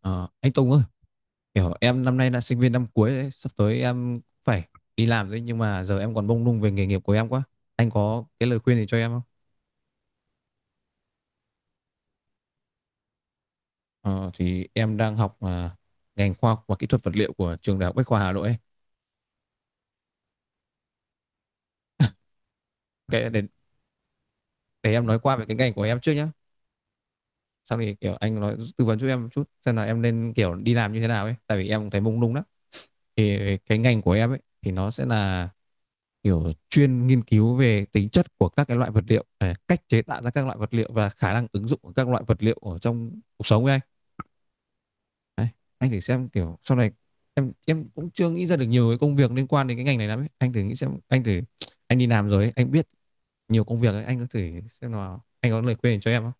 Ờ, anh Tùng ơi, kiểu em năm nay là sinh viên năm cuối đấy, sắp tới em phải đi làm đấy nhưng mà giờ em còn mông lung về nghề nghiệp của em quá. Anh có cái lời khuyên gì cho em không? Ờ, thì em đang học ngành khoa học và kỹ thuật vật liệu của trường Đại học Bách khoa Hà Nội ấy. Cái để, để em nói qua về cái ngành của em trước nhá. Sau thì kiểu anh nói tư vấn cho em một chút xem là em nên kiểu đi làm như thế nào ấy, tại vì em cũng thấy mông lung lắm. Thì cái ngành của em ấy thì nó sẽ là kiểu chuyên nghiên cứu về tính chất của các cái loại vật liệu, cách chế tạo ra các loại vật liệu và khả năng ứng dụng của các loại vật liệu ở trong cuộc sống ấy anh. Đấy, anh thử xem kiểu sau này em cũng chưa nghĩ ra được nhiều cái công việc liên quan đến cái ngành này lắm ấy. Anh thử nghĩ xem, anh đi làm rồi ấy, anh biết nhiều công việc ấy, anh có thử xem nào, anh có lời khuyên cho em không?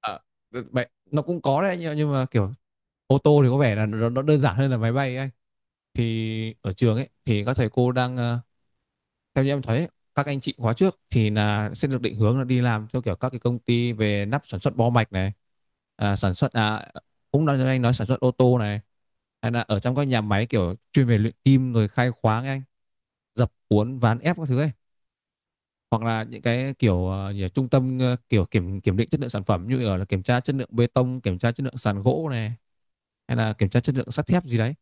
Ờ, Vậy nó cũng có đấy, nhưng mà kiểu ô tô thì có vẻ là nó đơn giản hơn là máy bay ấy anh. Thì ở trường ấy thì các thầy cô đang theo như em thấy, các anh chị khóa trước thì là sẽ được định hướng là đi làm theo kiểu các cái công ty về nắp sản xuất bo mạch này, sản xuất, cũng nói anh nói sản xuất ô tô này, hay là ở trong các nhà máy kiểu chuyên về luyện kim rồi khai khoáng anh, dập uốn ván ép các thứ ấy, hoặc là những cái kiểu gì nhỉ, trung tâm kiểu kiểm kiểm định chất lượng sản phẩm như ở là kiểm tra chất lượng bê tông, kiểm tra chất lượng sàn gỗ này, hay là kiểm tra chất lượng sắt thép gì đấy.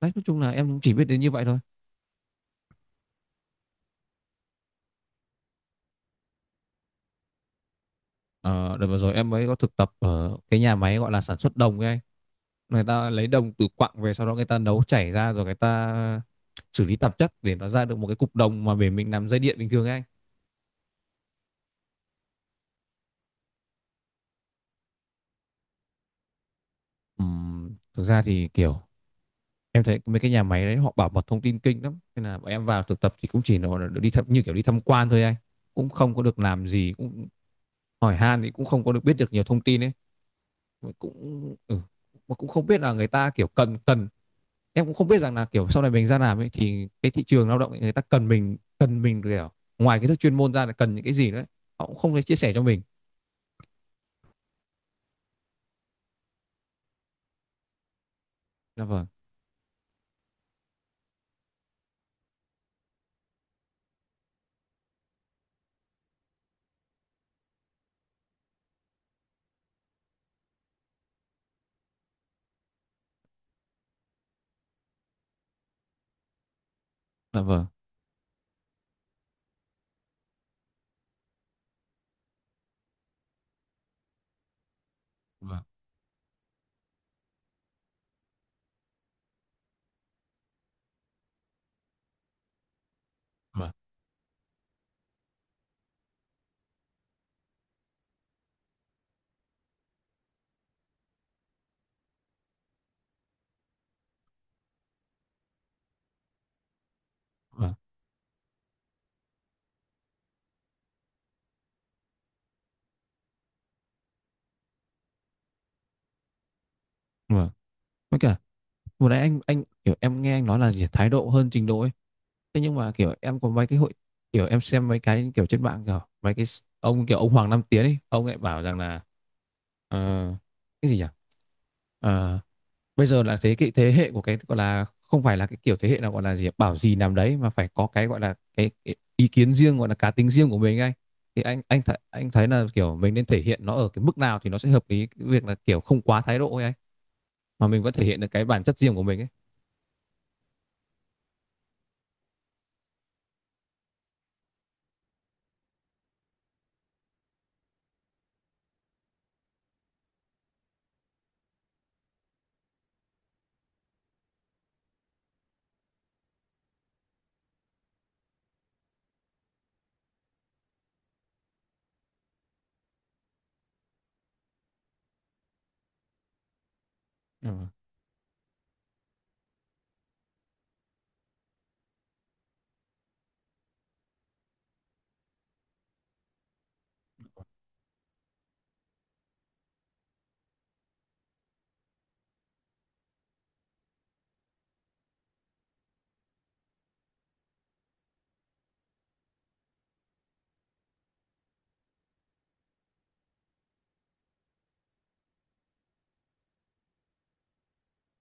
Đấy, nói chung là em cũng chỉ biết đến như vậy thôi. Ờ, Đợt vừa rồi em mới có thực tập ở cái nhà máy gọi là sản xuất đồng ấy anh. Người ta lấy đồng từ quặng về, sau đó người ta nấu chảy ra rồi người ta xử lý tạp chất để nó ra được một cái cục đồng mà để mình làm dây điện bình thường ấy anh. Thực ra thì kiểu em thấy mấy cái nhà máy đấy họ bảo mật thông tin kinh lắm, nên là bọn em vào thực tập thì cũng chỉ là đi thăm như kiểu đi tham quan thôi anh, cũng không có được làm gì, cũng hỏi han thì cũng không có được biết được nhiều thông tin ấy, cũng ừ, mà cũng không biết là người ta kiểu cần cần em cũng không biết rằng là kiểu sau này mình ra làm ấy thì cái thị trường lao động ấy, người ta cần mình kiểu ngoài kiến thức chuyên môn ra là cần những cái gì nữa, họ cũng không thể chia sẻ cho mình. Dạ vâng. Dạ vâng. Dạ vâng. Dạ vâng. Dạ vâng. Dạ vâng. Với cả vừa nãy anh kiểu em nghe anh nói là gì, thái độ hơn trình độ ấy, thế nhưng mà kiểu em có mấy cái hội, kiểu em xem mấy cái kiểu trên mạng, kiểu mấy cái ông, kiểu ông Hoàng Nam Tiến ấy, ông lại bảo rằng là, ờ, cái gì nhỉ. Ờ, Bây giờ là thế cái thế hệ của cái gọi là không phải là cái kiểu thế hệ nào gọi là gì bảo gì làm đấy mà phải có cái gọi là cái ý kiến riêng gọi là cá tính riêng của mình anh. Thì anh thấy là kiểu mình nên thể hiện nó ở cái mức nào thì nó sẽ hợp lý, cái việc là kiểu không quá thái độ ấy anh, mà mình vẫn thể hiện được cái bản chất riêng của mình ấy. Ừ.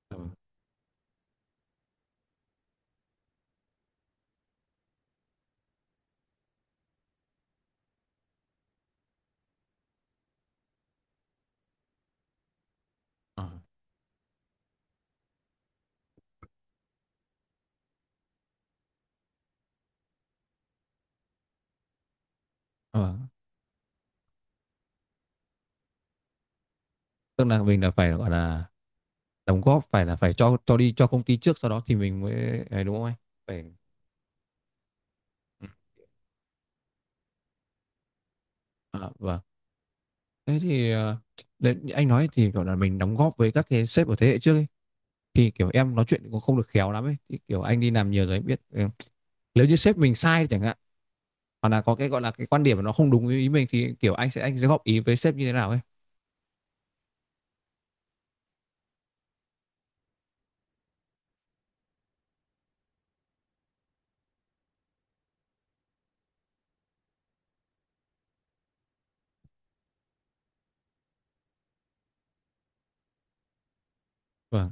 Ừ. Ừ. Ừ. Tức là mình là phải gọi là đóng góp, phải là phải cho đi cho công ty trước, sau đó thì mình mới ấy, đúng không anh? Phải. Ừ. À, vâng. Thế thì đấy, anh nói thì gọi là mình đóng góp với các cái sếp ở thế hệ trước ấy. Thì kiểu em nói chuyện cũng không được khéo lắm ấy, thì kiểu anh đi làm nhiều rồi anh biết ừ. Nếu như sếp mình sai chẳng hạn, hoặc là có cái gọi là cái quan điểm mà nó không đúng ý mình, thì kiểu anh sẽ góp ý với sếp như thế nào ấy? Vâng.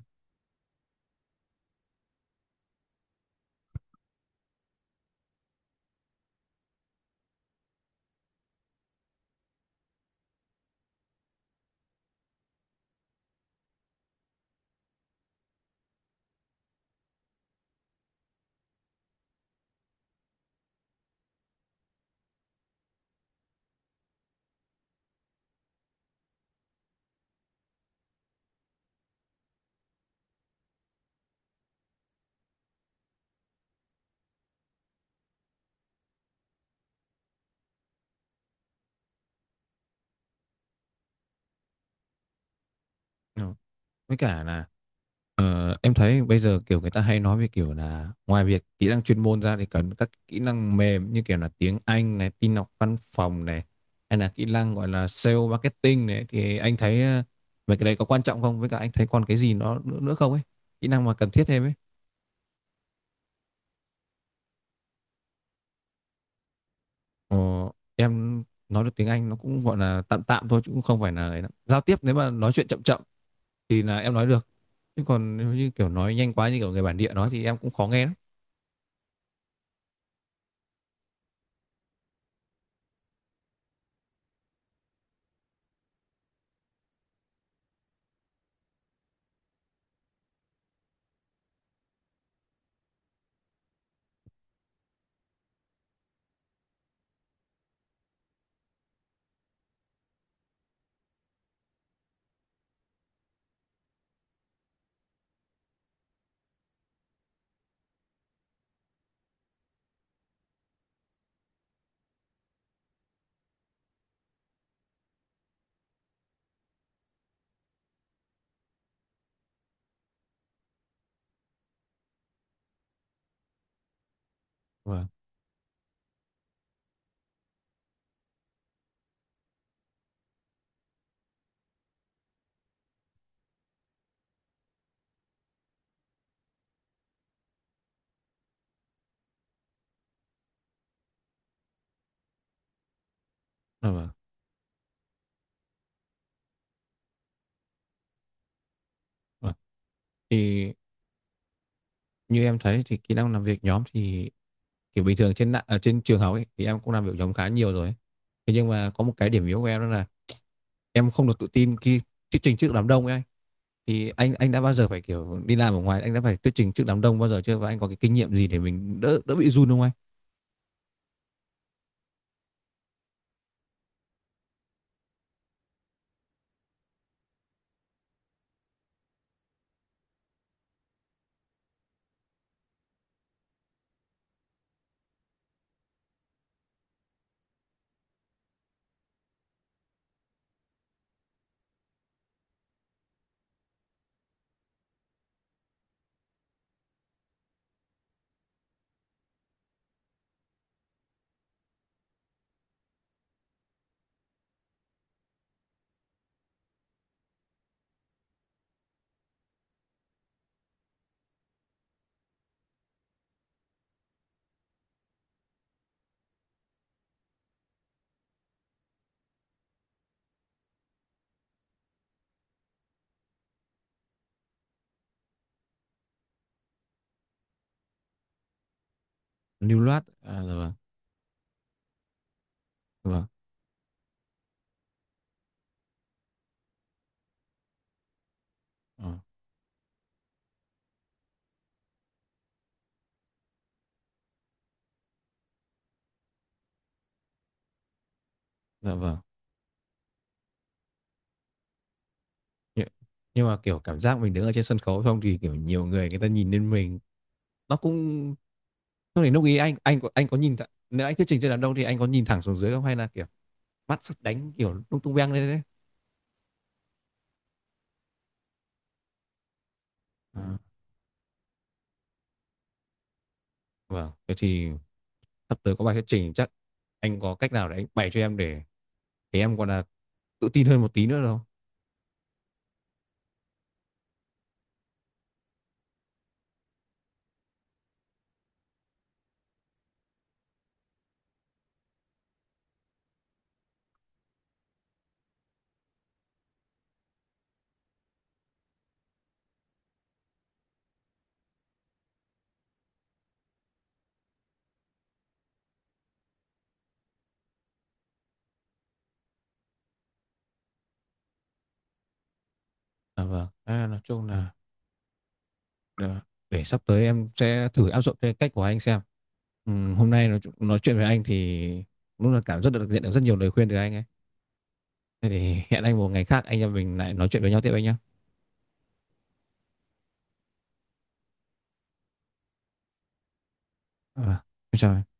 Ừ. Với cả là em thấy bây giờ kiểu người ta hay nói về kiểu là ngoài việc kỹ năng chuyên môn ra thì cần các kỹ năng mềm như kiểu là tiếng Anh này, tin học văn phòng này, hay là kỹ năng gọi là sale marketing này, thì anh thấy mấy cái đấy có quan trọng không, với cả anh thấy còn cái gì nó nữa không ấy, kỹ năng mà cần thiết thêm ấy. Ờ, em nói được tiếng Anh nó cũng gọi là tạm tạm thôi chứ cũng không phải là ấy lắm. Giao tiếp nếu mà nói chuyện chậm chậm thì là em nói được. Chứ còn nếu như kiểu nói nhanh quá như kiểu người bản địa nói thì em cũng khó nghe lắm. Vâng. À, vâng. Vâng. Thì như em thấy thì kỹ năng làm việc nhóm thì kiểu bình thường ở trên trường học ấy thì em cũng làm việc nhóm khá nhiều rồi ấy. Thế nhưng mà có một cái điểm yếu của em đó là em không được tự tin khi thuyết trình trước đám đông ấy anh. Thì anh đã bao giờ phải kiểu đi làm ở ngoài, anh đã phải thuyết trình trước đám đông bao giờ chưa, và anh có cái kinh nghiệm gì để mình đỡ đỡ bị run không anh? Lưu loát. À, dạ vâng. Dạ vâng. ờ, dạ vâng. nhưng, nhưng mà kiểu cảm giác mình đứng ở trên sân khấu xong thì kiểu nhiều người, người ta nhìn lên mình nó cũng, lúc ý anh có nhìn thẳng- nếu anh thuyết trình trên đám đông thì anh có nhìn thẳng xuống dưới không, hay là kiểu mắt sắp đánh kiểu lung tung beng lên đấy? À, vâng. Thế thì sắp tới có bài thuyết trình chắc, anh có cách nào để anh bày cho em để em còn là tự tin hơn một tí nữa đâu. À, vâng. À, nói chung là để sắp tới em sẽ thử áp dụng cái cách của anh xem. Hôm nay nói chuyện với anh thì đúng là rất được nhận được rất nhiều lời khuyên từ anh ấy. Thế thì hẹn anh một ngày khác anh em mình lại nói chuyện với nhau tiếp anh nhé. Ờ, em chào anh.